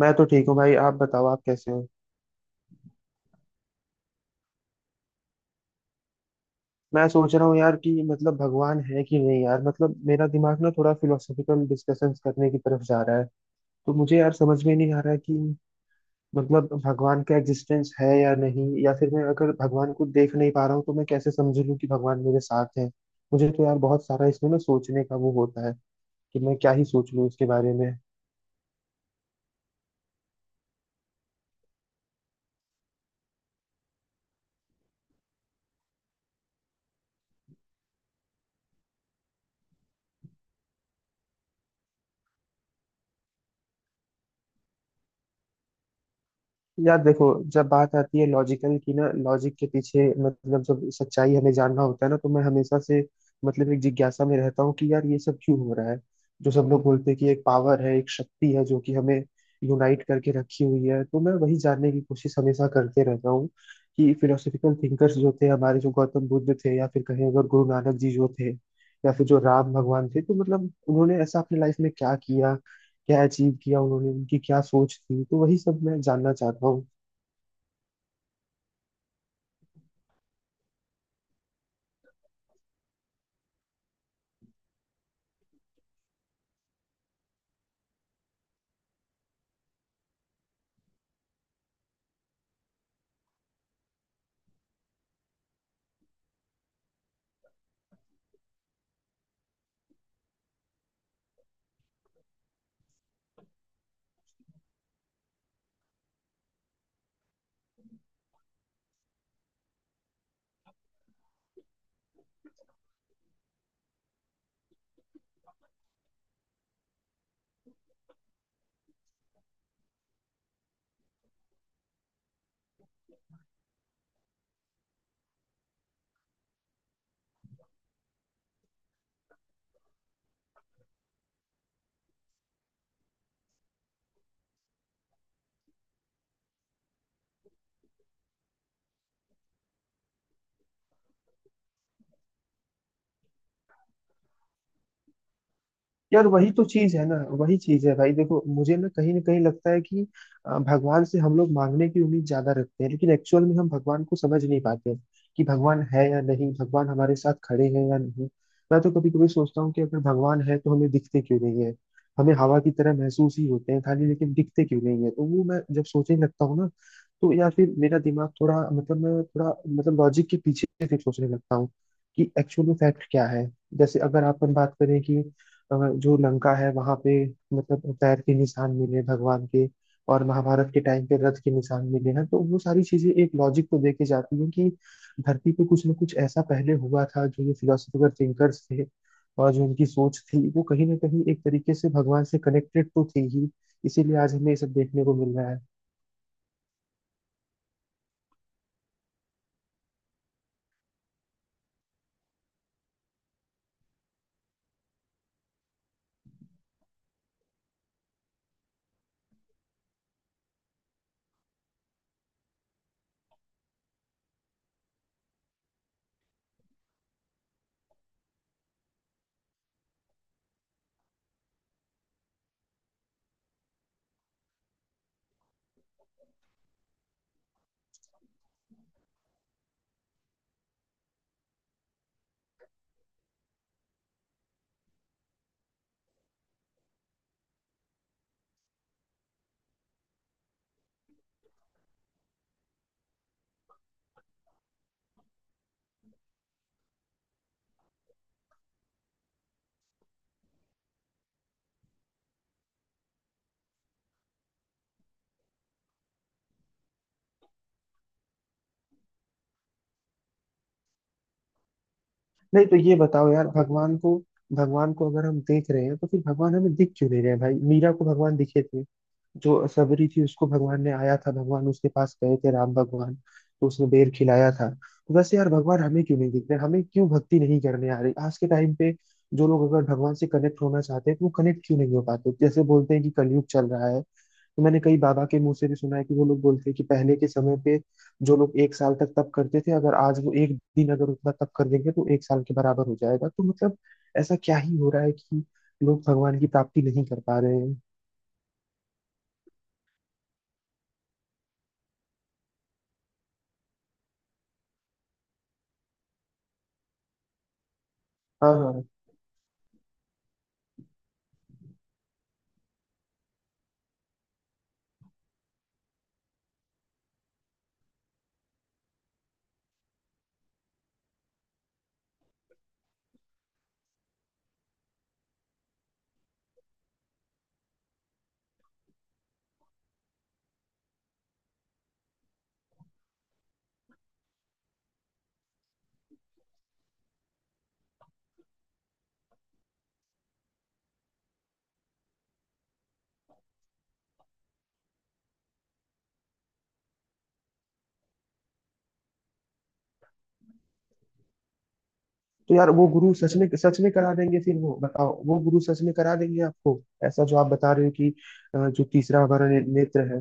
मैं तो ठीक हूँ भाई। आप बताओ, आप कैसे हो। मैं सोच रहा हूँ यार कि मतलब भगवान है कि नहीं यार। मतलब मेरा दिमाग ना थोड़ा फिलोसॉफिकल डिस्कशंस करने की तरफ जा रहा है। तो मुझे यार समझ में नहीं आ रहा है कि मतलब भगवान का एग्जिस्टेंस है या नहीं। या फिर मैं अगर भगवान को देख नहीं पा रहा हूँ तो मैं कैसे समझ लूँ कि भगवान मेरे साथ है। मुझे तो यार बहुत सारा इसमें ना सोचने का वो होता है कि मैं क्या ही सोच लूँ इसके बारे में। यार देखो, जब बात आती है लॉजिकल की ना, लॉजिक के पीछे, मतलब जब सच्चाई हमें जानना होता है ना, तो मैं हमेशा से मतलब एक जिज्ञासा में रहता हूँ कि यार ये सब क्यों हो रहा है। जो सब लोग बोलते हैं कि एक पावर है, एक शक्ति है जो कि हमें यूनाइट करके रखी हुई है, तो मैं वही जानने की कोशिश हमेशा करते रहता हूँ कि फिलोसफिकल थिंकर्स जो थे हमारे, जो गौतम बुद्ध थे, या फिर कहें अगर गुरु नानक जी जो थे, या फिर जो राम भगवान थे, तो मतलब उन्होंने ऐसा अपनी लाइफ में क्या किया, क्या अचीव किया उन्होंने, उनकी क्या सोच थी। तो वही सब मैं जानना चाहता हूँ। यार वही तो चीज है ना। वही चीज है भाई। देखो, मुझे ना कहीं लगता है कि भगवान से हम लोग मांगने की उम्मीद ज्यादा रखते हैं, लेकिन एक्चुअल में हम भगवान को समझ नहीं पाते कि भगवान है या नहीं, भगवान हमारे साथ खड़े हैं या नहीं। मैं तो कभी कभी सोचता हूँ कि अगर भगवान है तो हमें दिखते क्यों नहीं है। हमें हवा की तरह महसूस ही होते हैं खाली, लेकिन दिखते क्यों नहीं है। तो वो मैं जब सोचने लगता हूँ ना, तो या फिर मेरा दिमाग थोड़ा मतलब मैं थोड़ा मतलब लॉजिक के पीछे फिर सोचने लगता हूँ कि एक्चुअल में फैक्ट क्या है। जैसे अगर अपन बात करें कि जो लंका है वहां पे, मतलब पैर के निशान मिले भगवान के, और महाभारत के टाइम पे रथ के निशान मिले हैं, तो वो सारी चीजें एक लॉजिक को देके जाती हैं कि धरती पे कुछ ना कुछ ऐसा पहले हुआ था। जो ये फिलोसफर थिंकर्स थे, और जो उनकी सोच थी, वो कहीं ना कहीं एक तरीके से भगवान से कनेक्टेड तो थी ही, इसीलिए आज हमें ये सब देखने को मिल रहा है। नहीं, तो ये बताओ यार, भगवान को अगर हम देख रहे हैं तो फिर भगवान हमें दिख क्यों नहीं रहे हैं भाई। मीरा को भगवान दिखे थे, जो सबरी थी उसको भगवान ने आया था, भगवान उसके पास गए थे राम भगवान, तो उसने बेर खिलाया था। तो वैसे यार भगवान हमें क्यों नहीं दिख रहे, हमें क्यों भक्ति नहीं करने आ रही आज के टाइम पे। जो लोग अगर भगवान से कनेक्ट होना चाहते हैं तो वो कनेक्ट क्यों नहीं हो पाते। जैसे बोलते हैं कि कलयुग चल रहा है, तो मैंने कई बाबा के मुंह से भी सुना है कि वो लोग बोलते हैं कि पहले के समय पे जो लोग एक साल तक तप करते थे, अगर आज वो एक दिन अगर उतना तप कर देंगे तो एक साल के बराबर हो जाएगा। तो मतलब ऐसा क्या ही हो रहा है कि लोग भगवान की प्राप्ति नहीं कर पा रहे हैं। हाँ हाँ। तो यार वो गुरु सच में करा देंगे फिर, वो बताओ। वो गुरु सच में करा देंगे आपको, ऐसा जो आप बता रहे हो कि जो तीसरा हमारा नेत्र है।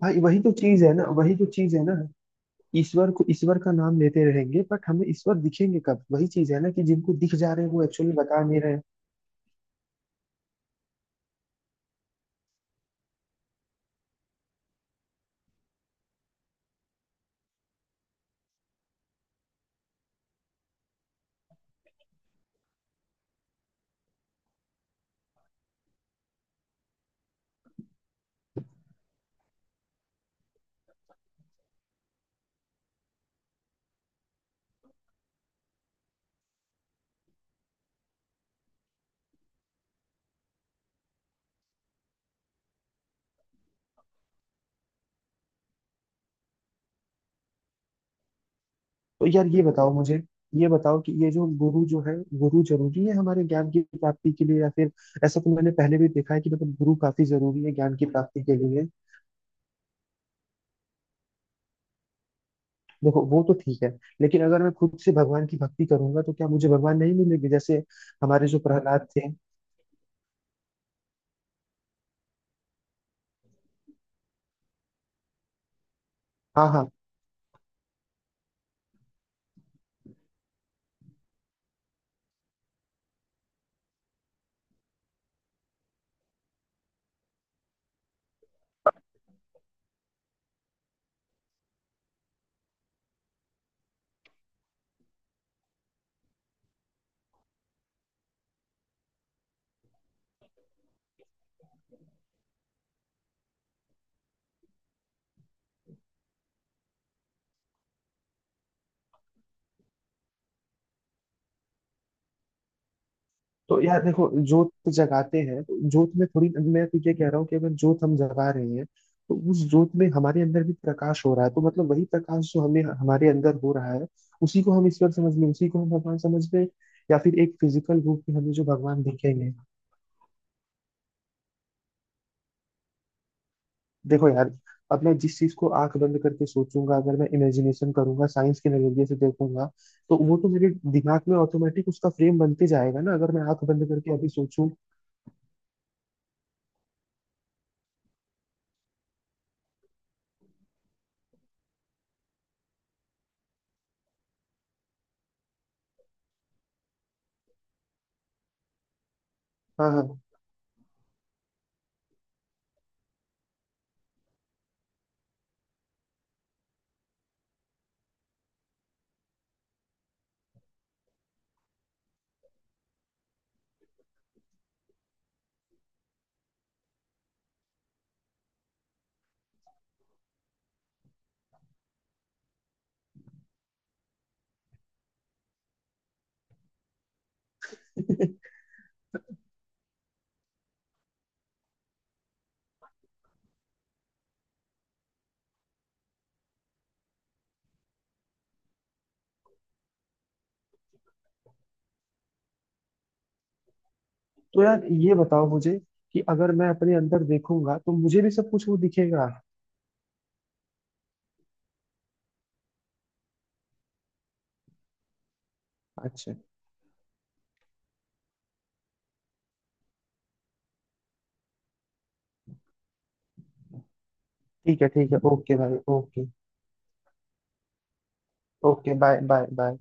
भाई वही तो चीज है ना, वही तो चीज है ना। ईश्वर को, ईश्वर का नाम लेते रहेंगे बट हमें ईश्वर दिखेंगे कब। वही चीज है ना कि जिनको दिख जा रहे हैं वो एक्चुअली बता नहीं रहे हैं। तो यार ये बताओ मुझे, ये बताओ कि ये जो गुरु जो है, गुरु जरूरी है हमारे ज्ञान की प्राप्ति के लिए या फिर, ऐसा तो मैंने पहले भी देखा है कि मतलब गुरु काफी जरूरी है ज्ञान की प्राप्ति के लिए। देखो वो तो ठीक है, लेकिन अगर मैं खुद से भगवान की भक्ति करूंगा तो क्या मुझे भगवान नहीं मिलेंगे। जैसे हमारे जो प्रहलाद थे। हाँ हाँ। तो यार देखो, जोत जगाते हैं तो जोत में थोड़ी, मैं तो ये कह रहा हूँ कि अगर जोत हम जगा रहे हैं तो उस जोत में हमारे अंदर भी प्रकाश हो रहा है। तो मतलब वही प्रकाश जो हमें हमारे अंदर हो रहा है, उसी को हम ईश्वर समझ लें, उसी को हम भगवान समझ लें, या फिर एक फिजिकल रूप में हमें जो भगवान दिखेंगे। देखो यार, अब मैं जिस चीज को आंख बंद करके सोचूंगा, अगर मैं इमेजिनेशन करूंगा, साइंस के नजरिए से देखूंगा, तो वो तो मेरे दिमाग में ऑटोमेटिक उसका फ्रेम बनते जाएगा ना, अगर मैं आंख बंद करके अभी सोचूं। हाँ हाँ। तो यार ये बताओ मुझे कि अगर मैं अपने अंदर देखूंगा तो मुझे भी सब कुछ वो दिखेगा। अच्छा, ठीक है, ठीक है, ओके भाई, okay. Okay, bye bye bye.